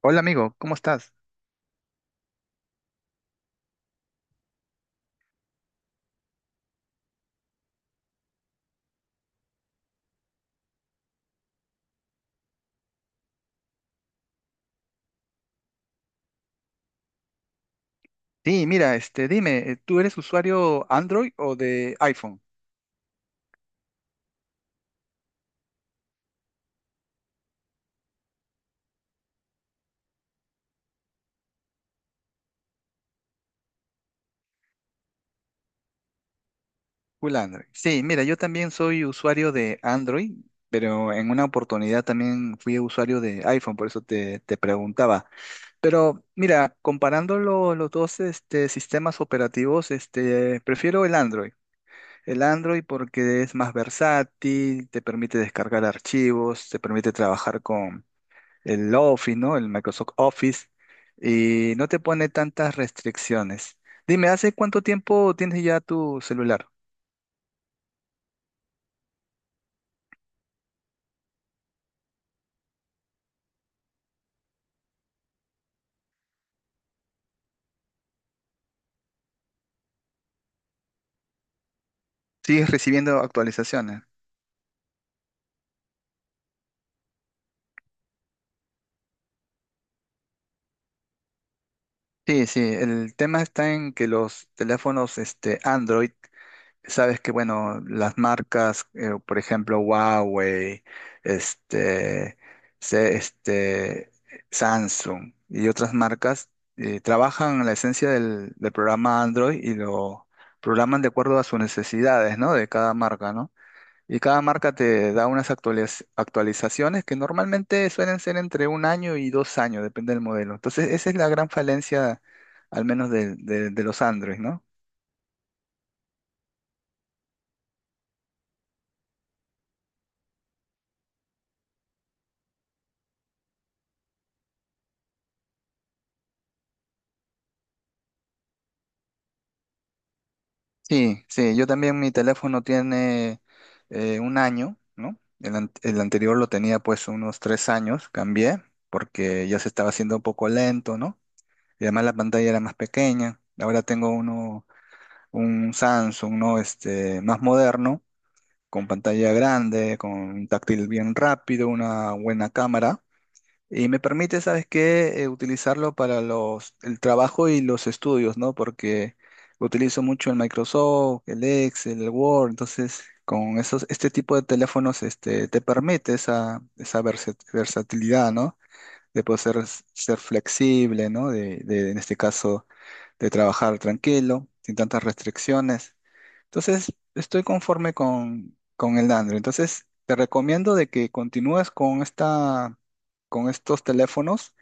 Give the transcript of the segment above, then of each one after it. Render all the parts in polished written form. Hola amigo, ¿cómo estás? Sí, mira, dime, ¿tú eres usuario Android o de iPhone? Full Android. Sí, mira, yo también soy usuario de Android, pero en una oportunidad también fui usuario de iPhone, por eso te preguntaba. Pero mira, comparando los dos sistemas operativos, prefiero el Android. El Android porque es más versátil, te permite descargar archivos, te permite trabajar el Office, ¿no? El Microsoft Office, y no te pone tantas restricciones. Dime, ¿hace cuánto tiempo tienes ya tu celular? ¿Sigues recibiendo actualizaciones? Sí, sí, el tema está en que los teléfonos Android. Sabes que, bueno, las marcas, por ejemplo, Huawei, este, se- este, Samsung y otras marcas trabajan en la esencia del programa Android y lo programan de acuerdo a sus necesidades, ¿no? De cada marca, ¿no? Y cada marca te da unas actualizaciones que normalmente suelen ser entre 1 año y 2 años, depende del modelo. Entonces, esa es la gran falencia, al menos de los Android, ¿no? Sí, sí, yo también mi teléfono tiene 1 año, ¿no? El, el anterior lo tenía pues unos 3 años, cambié porque ya se estaba haciendo un poco lento, ¿no? Y además la pantalla era más pequeña. Ahora tengo uno, un Samsung, ¿no? Más moderno, con pantalla grande, con un táctil bien rápido, una buena cámara. Y me permite, ¿sabes qué? Utilizarlo para el trabajo y los estudios, ¿no? Porque utilizo mucho el Microsoft, el Excel, el Word, entonces con esos, este tipo de teléfonos te permite esa versatilidad, ¿no? De ser flexible, ¿no? En este caso, de trabajar tranquilo, sin tantas restricciones. Entonces, estoy conforme con el Android. Entonces, te recomiendo de que continúes con esta, con estos teléfonos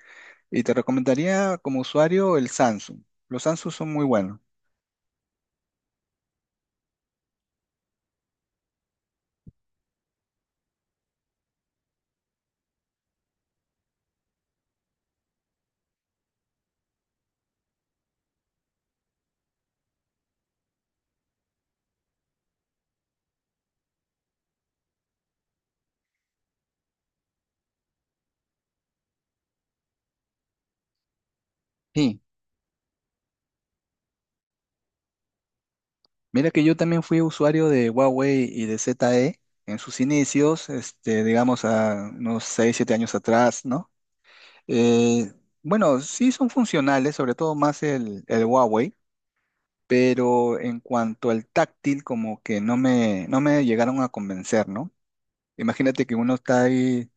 y te recomendaría como usuario el Samsung. Los Samsung son muy buenos. Sí, mira que yo también fui usuario de Huawei y de ZTE en sus inicios, digamos a unos 6 o 7 años atrás, ¿no? Eh, bueno, sí son funcionales, sobre todo más el Huawei, pero en cuanto al táctil, como que no me llegaron a convencer, ¿no? Imagínate que uno está ahí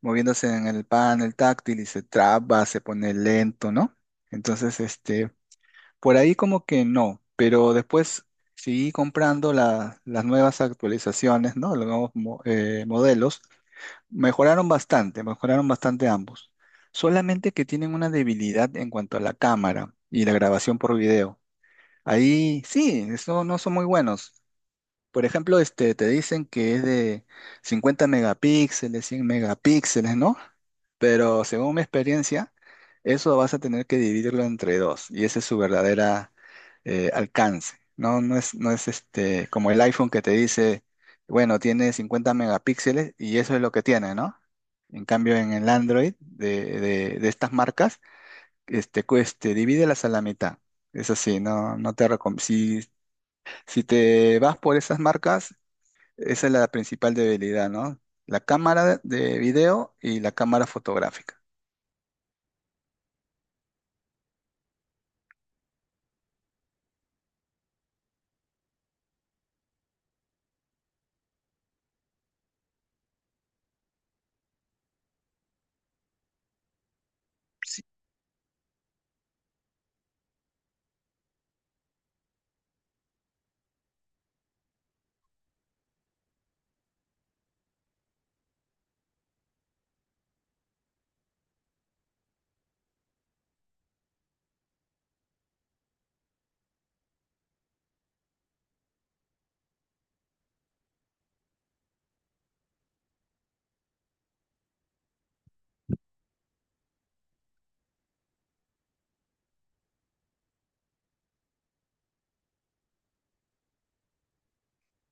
moviéndose en el panel táctil y se traba, se pone lento, ¿no? Entonces, por ahí como que no, pero después seguí comprando las nuevas actualizaciones, ¿no? Los nuevos modelos. Mejoraron bastante ambos. Solamente que tienen una debilidad en cuanto a la cámara y la grabación por video. Ahí sí, eso no son muy buenos. Por ejemplo, te dicen que es de 50 megapíxeles, 100 megapíxeles, ¿no? Pero según mi experiencia, eso vas a tener que dividirlo entre dos y ese es su verdadera alcance. No es como el iPhone que te dice, bueno, tiene 50 megapíxeles y eso es lo que tiene, ¿no? En cambio, en el Android de estas marcas, pues, te divídelas a la mitad. Es así, no te recomiendo. Si te vas por esas marcas, esa es la principal debilidad, ¿no? La cámara de video y la cámara fotográfica.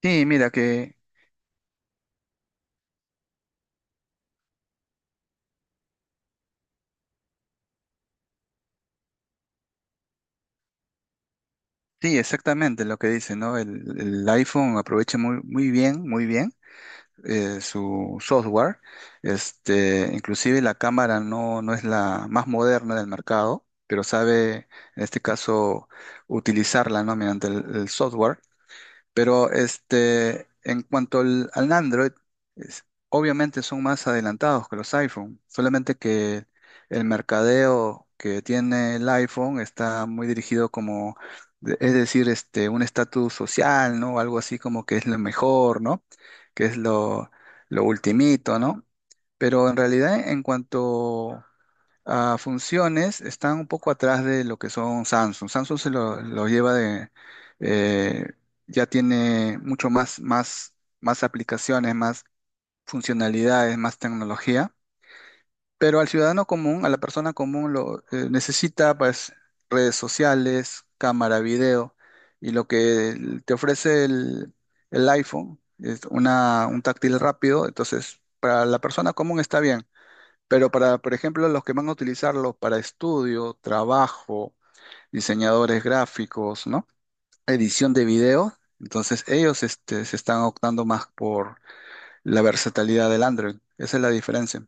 Sí, sí, exactamente lo que dice, ¿no? El iPhone aprovecha muy bien su software. Inclusive la cámara no es la más moderna del mercado, pero sabe, en este caso, utilizarla, ¿no? Mediante el software. Pero en cuanto al Android, obviamente son más adelantados que los iPhone, solamente que el mercadeo que tiene el iPhone está muy dirigido como, es decir, un estatus social, ¿no? Algo así como que es lo mejor, ¿no? Que es lo ultimito, ¿no? Pero en realidad, en cuanto a funciones están un poco atrás de lo que son Samsung. Samsung se lo lleva de, eh, ya tiene mucho más aplicaciones, más funcionalidades, más tecnología, pero al ciudadano común, a la persona común, lo necesita pues redes sociales, cámara, video, y lo que te ofrece el iPhone es un táctil rápido, entonces para la persona común está bien. Pero para, por ejemplo, los que van a utilizarlos para estudio, trabajo, diseñadores gráficos, ¿no? Edición de video, entonces ellos se están optando más por la versatilidad del Android. Esa es la diferencia.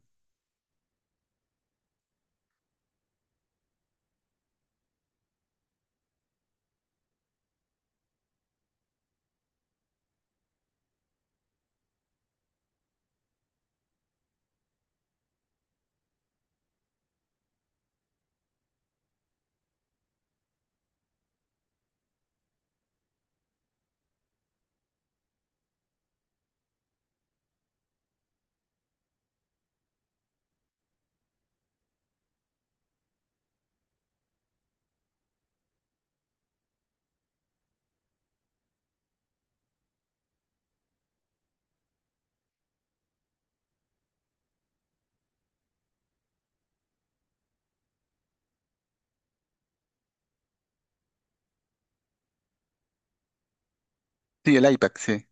Sí, el iPad, sí.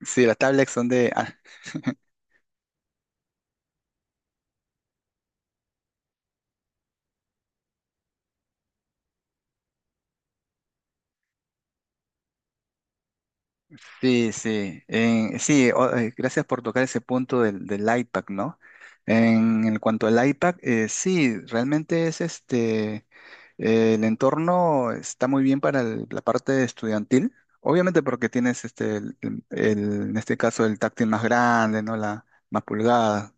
Sí, las tablets son de... ah, sí, sí. Sí, gracias por tocar ese punto del iPad, ¿no? En cuanto al iPad, sí, realmente es este... El entorno está muy bien para la parte estudiantil, obviamente porque tienes en este caso el táctil más grande, ¿no? La más pulgada,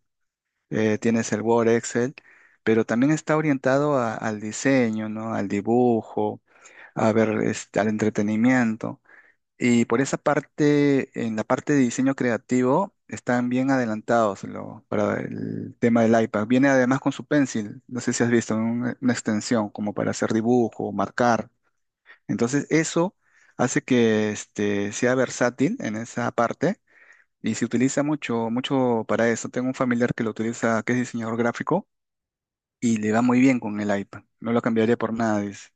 tienes el Word, Excel, pero también está orientado al diseño, ¿no? Al dibujo, a ver, al entretenimiento. Y por esa parte, en la parte de diseño creativo, están bien adelantados para el tema del iPad. Viene además con su Pencil, no sé si has visto, una extensión como para hacer dibujo, marcar. Entonces, eso hace que sea versátil en esa parte y se utiliza mucho, mucho para eso. Tengo un familiar que lo utiliza, que es diseñador gráfico y le va muy bien con el iPad. No lo cambiaría por nada, dice.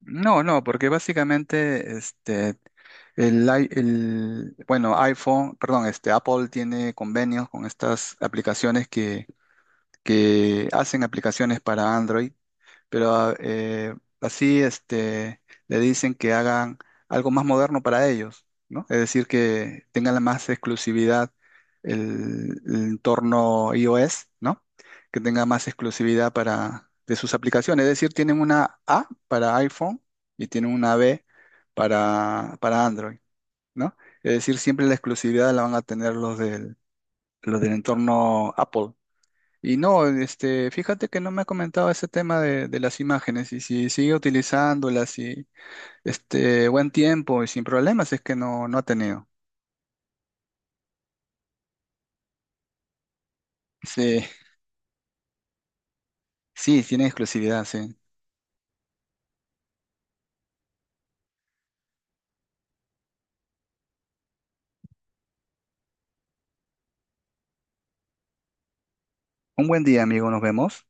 No, no, porque básicamente bueno, iPhone, perdón, Apple tiene convenios con estas aplicaciones que hacen aplicaciones para Android, pero así este, le dicen que hagan algo más moderno para ellos, ¿no? Es decir, que tengan la más exclusividad el entorno iOS, ¿no? Que tenga más exclusividad para, de sus aplicaciones. Es decir, tienen una A para iPhone y tienen una B para Android, ¿no? Es decir, siempre la exclusividad la van a tener los del entorno Apple. Y no, fíjate que no me ha comentado ese tema de las imágenes, y si sigue utilizándolas y este buen tiempo y sin problemas es que no, no ha tenido. Sí, sí, tiene exclusividad, sí. Un buen día, amigo, nos vemos.